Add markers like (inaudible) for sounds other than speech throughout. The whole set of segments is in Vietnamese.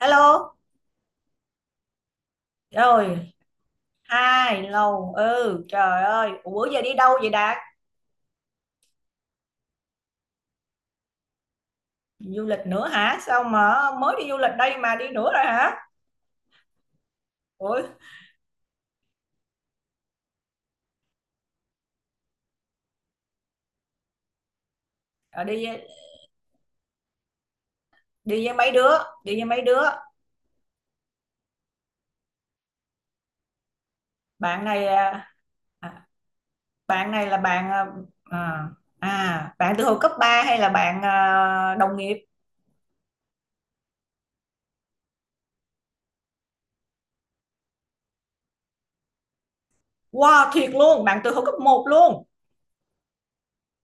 Hello, rồi, hai lâu, ừ, trời ơi, ủa, bữa giờ đi đâu vậy Đạt? Du lịch nữa hả? Sao mà mới đi du lịch đây mà đi nữa rồi hả? Ủa, à, đi đi với mấy đứa, đi với mấy đứa. Bạn này, à, bạn này là bạn, à, bạn từ hồi cấp 3 hay là bạn, đồng nghiệp? Wow, thiệt luôn, bạn từ hồi cấp một luôn.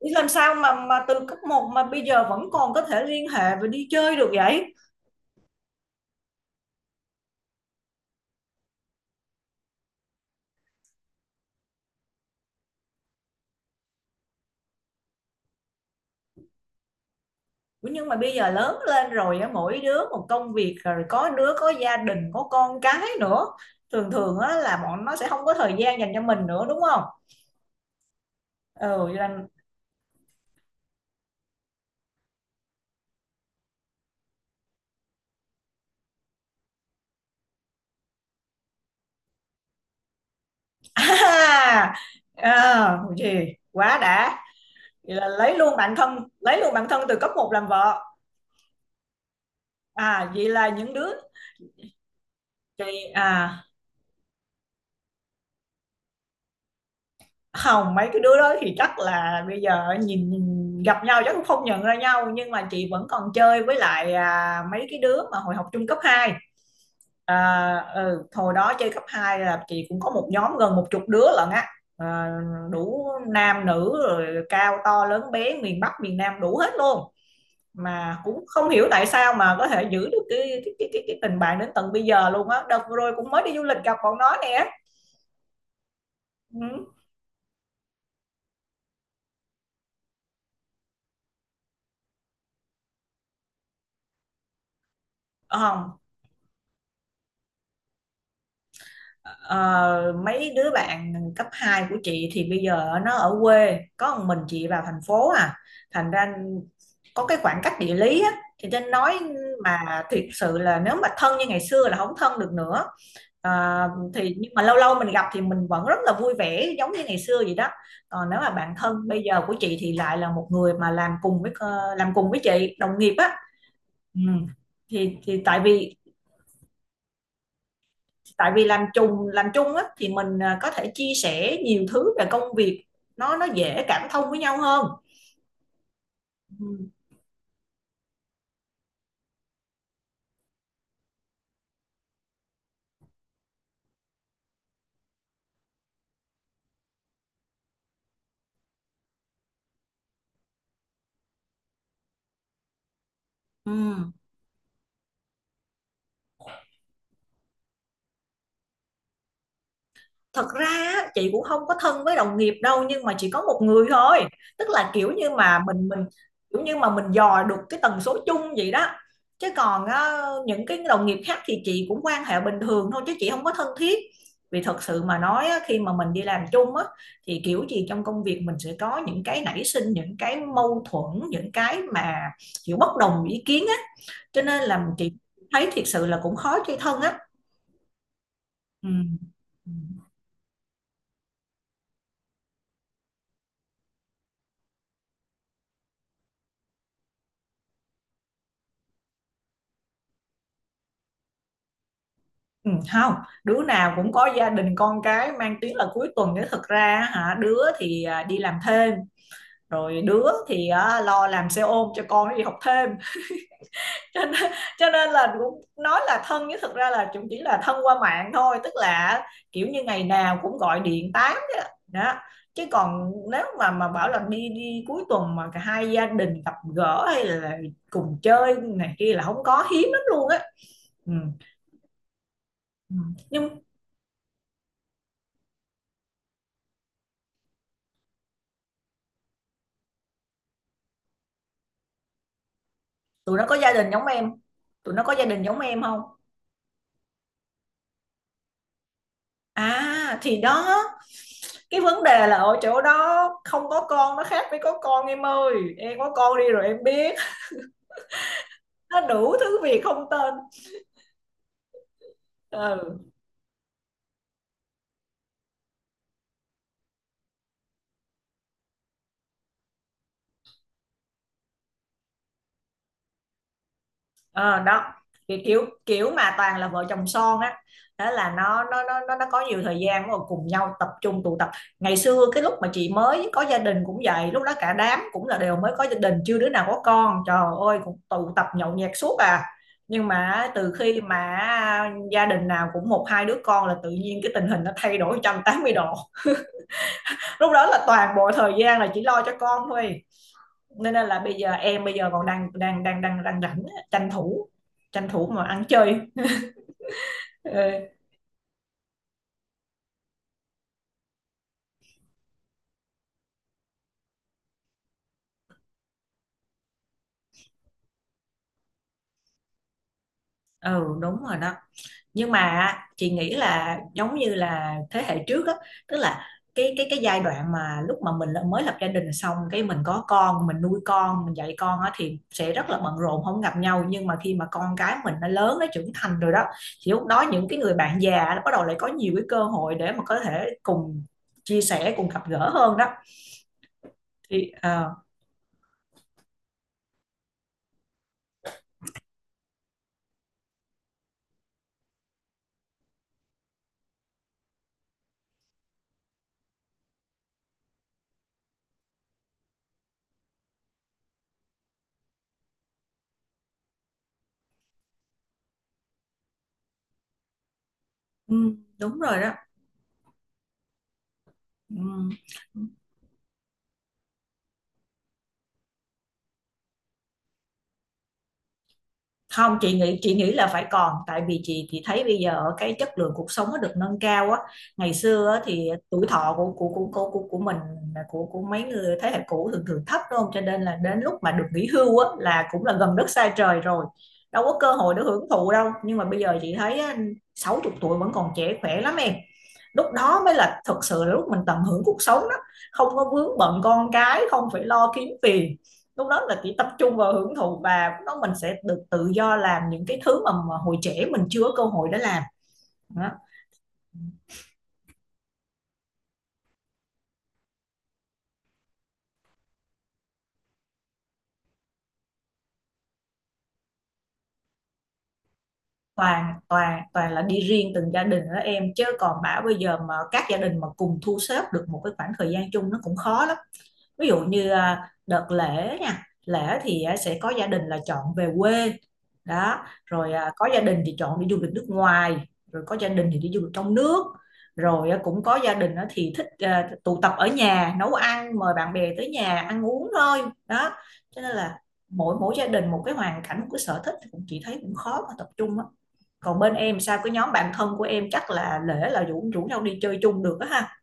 Làm sao mà từ cấp một mà bây giờ vẫn còn có thể liên hệ và đi chơi được vậy? Ủa, nhưng mà bây giờ lớn lên rồi á, mỗi đứa một công việc, rồi có đứa có gia đình có con cái nữa, thường thường á là bọn nó sẽ không có thời gian dành cho mình nữa đúng không? Ừ, vậy là (laughs) à, gì quá đã, vậy là lấy luôn bạn thân, lấy luôn bạn thân từ cấp một làm vợ. À, vậy là những đứa thì, à không, mấy cái đứa đó thì chắc là bây giờ nhìn, gặp nhau chắc cũng không nhận ra nhau, nhưng mà chị vẫn còn chơi với lại mấy cái đứa mà hồi học trung cấp hai. À, ừ, hồi đó chơi cấp 2 là chị cũng có một nhóm gần một chục đứa lận á, à, đủ nam nữ rồi cao to lớn bé miền Bắc miền Nam đủ hết luôn, mà cũng không hiểu tại sao mà có thể giữ được cái tình bạn đến tận bây giờ luôn á, đợt vừa rồi cũng mới đi du lịch gặp bọn nó nè. Ừ. Ờ, Ờ, mấy đứa bạn cấp 2 của chị thì bây giờ nó ở quê, có một mình chị vào thành phố, thành ra có cái khoảng cách địa lý á, thì nên nói, mà thiệt sự là nếu mà thân như ngày xưa là không thân được nữa. Ờ, thì nhưng mà lâu lâu mình gặp thì mình vẫn rất là vui vẻ giống như ngày xưa vậy đó. Còn nếu mà bạn thân bây giờ của chị thì lại là một người mà làm cùng với chị, đồng nghiệp á. Ừ. Thì tại vì làm chung, á thì mình có thể chia sẻ nhiều thứ về công việc, nó dễ cảm thông với nhau hơn. Ừ. Ừ. Thật ra á, chị cũng không có thân với đồng nghiệp đâu, nhưng mà chỉ có một người thôi, tức là kiểu như mà mình kiểu như mà mình dò được cái tần số chung vậy đó. Chứ còn á, những cái đồng nghiệp khác thì chị cũng quan hệ bình thường thôi, chứ chị không có thân thiết. Vì thật sự mà nói á, khi mà mình đi làm chung á thì kiểu gì trong công việc mình sẽ có những cái nảy sinh, những cái mâu thuẫn, những cái mà kiểu bất đồng ý kiến á, cho nên là chị thấy thiệt sự là cũng khó chơi thân á. Ừ. Ừ, không, đứa nào cũng có gia đình con cái, mang tiếng là cuối tuần nếu thực ra á hả, đứa thì đi làm thêm, rồi đứa thì lo làm xe ôm cho con nó đi học thêm (laughs) cho nên, cho nên là cũng nói là thân, nhưng thực ra là cũng chỉ là thân qua mạng thôi, tức là kiểu như ngày nào cũng gọi điện tám đó, đó. Chứ còn nếu mà bảo là đi đi cuối tuần mà cả hai gia đình gặp gỡ hay là cùng chơi này kia là không có hiếm lắm luôn á. Ừ. Ừ. Nhưng tụi nó có gia đình giống em, tụi nó có gia đình giống em không? À thì đó, cái vấn đề là ở chỗ đó, không có con nó khác với có con, em ơi, em có con đi rồi em biết, nó đủ thứ việc không tên. Ừ. Ờ, đó, kiểu kiểu kiểu mà toàn là vợ chồng son á, thế là nó có nhiều thời gian rồi cùng nhau tập trung tụ tập. Ngày xưa cái lúc mà chị mới có gia đình cũng vậy, lúc đó cả đám cũng là đều mới có gia đình, chưa đứa nào có con, trời ơi, cũng tụ tập nhậu nhẹt suốt à. Nhưng mà từ khi mà gia đình nào cũng một hai đứa con là tự nhiên cái tình hình nó thay đổi 180 độ. Lúc đó là toàn bộ thời gian là chỉ lo cho con thôi, nên là bây giờ em bây giờ còn đang đang đang đang đang rảnh, tranh thủ tranh thủ mà ăn chơi. Ừ, ừ đúng rồi đó. Nhưng mà chị nghĩ là giống như là thế hệ trước á, tức là cái giai đoạn mà lúc mà mình mới lập gia đình xong, cái mình có con mình nuôi con mình dạy con á thì sẽ rất là bận rộn không gặp nhau, nhưng mà khi mà con cái mình nó lớn nó trưởng thành rồi đó thì lúc đó những cái người bạn già nó bắt đầu lại có nhiều cái cơ hội để mà có thể cùng chia sẻ cùng gặp gỡ hơn đó, thì ừm, đúng rồi đó. Ừm. Không, chị nghĩ là phải còn, tại vì chị thấy bây giờ cái chất lượng cuộc sống nó được nâng cao á. Ngày xưa á, thì tuổi thọ của mình, của mấy người thế hệ cũ thường thường thấp đúng không? Cho nên là đến lúc mà được nghỉ hưu á là cũng là gần đất xa trời rồi. Đâu có cơ hội để hưởng thụ đâu. Nhưng mà bây giờ chị thấy á, 60 tuổi vẫn còn trẻ khỏe lắm em. Lúc đó mới là thật sự là lúc mình tận hưởng cuộc sống đó. Không có vướng bận con cái, không phải lo kiếm tiền, lúc đó là chỉ tập trung vào hưởng thụ và nó mình sẽ được tự do làm những cái thứ mà hồi trẻ mình chưa có cơ hội để làm đó. Toàn toàn Toàn là đi riêng từng gia đình đó em, chứ còn bảo bây giờ mà các gia đình mà cùng thu xếp được một cái khoảng thời gian chung nó cũng khó lắm. Ví dụ như đợt lễ nha, lễ thì sẽ có gia đình là chọn về quê, đó, rồi có gia đình thì chọn đi du lịch nước ngoài, rồi có gia đình thì đi du lịch trong nước, rồi cũng có gia đình á thì thích tụ tập ở nhà nấu ăn mời bạn bè tới nhà ăn uống thôi, đó, cho nên là mỗi mỗi gia đình một cái hoàn cảnh một cái sở thích thì cũng chị thấy cũng khó mà tập trung á. Còn bên em sao cái nhóm bạn thân của em chắc là lễ là rủ rủ nhau đi chơi chung được á ha.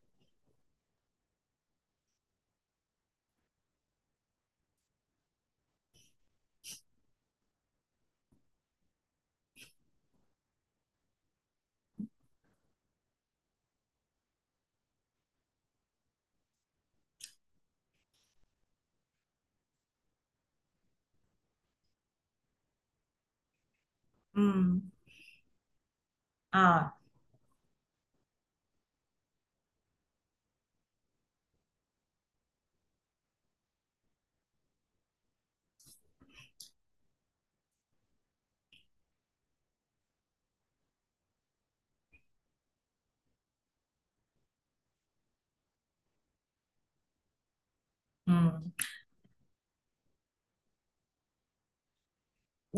Ừ. À. Ừ.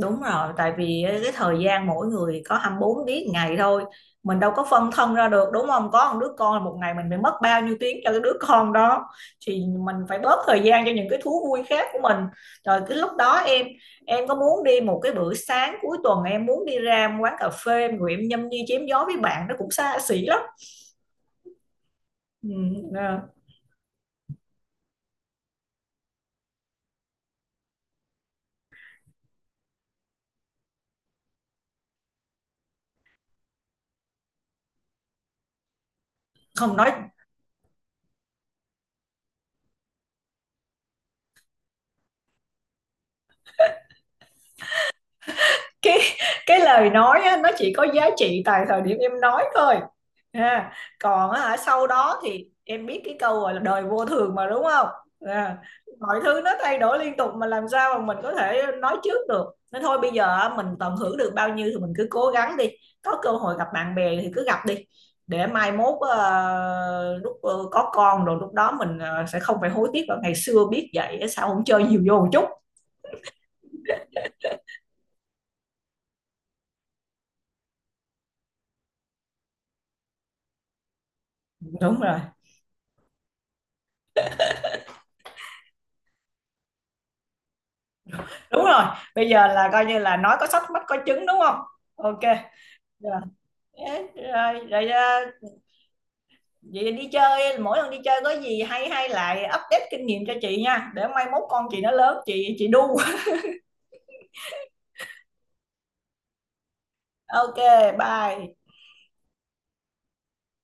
Đúng rồi, tại vì cái thời gian mỗi người có 24 tiếng ngày thôi. Mình đâu có phân thân ra được đúng không? Có một đứa con một ngày mình phải mất bao nhiêu tiếng cho cái đứa con đó thì mình phải bớt thời gian cho những cái thú vui khác của mình. Rồi cái lúc đó em có muốn đi một cái bữa sáng cuối tuần, em muốn đi ra một quán cà phê rồi em nhâm nhi chém gió với bạn nó cũng xa xỉ lắm. Ừ, à, không nói, cái cái lời nói á, nó chỉ có giá trị tại thời điểm em nói thôi. À, còn á hả, sau đó thì em biết cái câu gọi là đời vô thường mà đúng không? À, mọi thứ nó thay đổi liên tục mà làm sao mà mình có thể nói trước được. Nên thôi bây giờ á, mình tận hưởng được bao nhiêu thì mình cứ cố gắng đi. Có cơ hội gặp bạn bè thì cứ gặp đi. Để mai mốt lúc có con rồi lúc đó mình sẽ không phải hối tiếc là ngày xưa biết vậy á, sao không chơi nhiều vô một chút. Đúng rồi. Đúng rồi. Bây giờ là coi như là nói có sách mách có chứng đúng không? Ok. Rồi, ê, rồi, rồi, vậy đi chơi mỗi lần đi chơi có gì hay hay lại update kinh nghiệm cho chị nha, để mai mốt con chị nó lớn chị đu (laughs) ok bye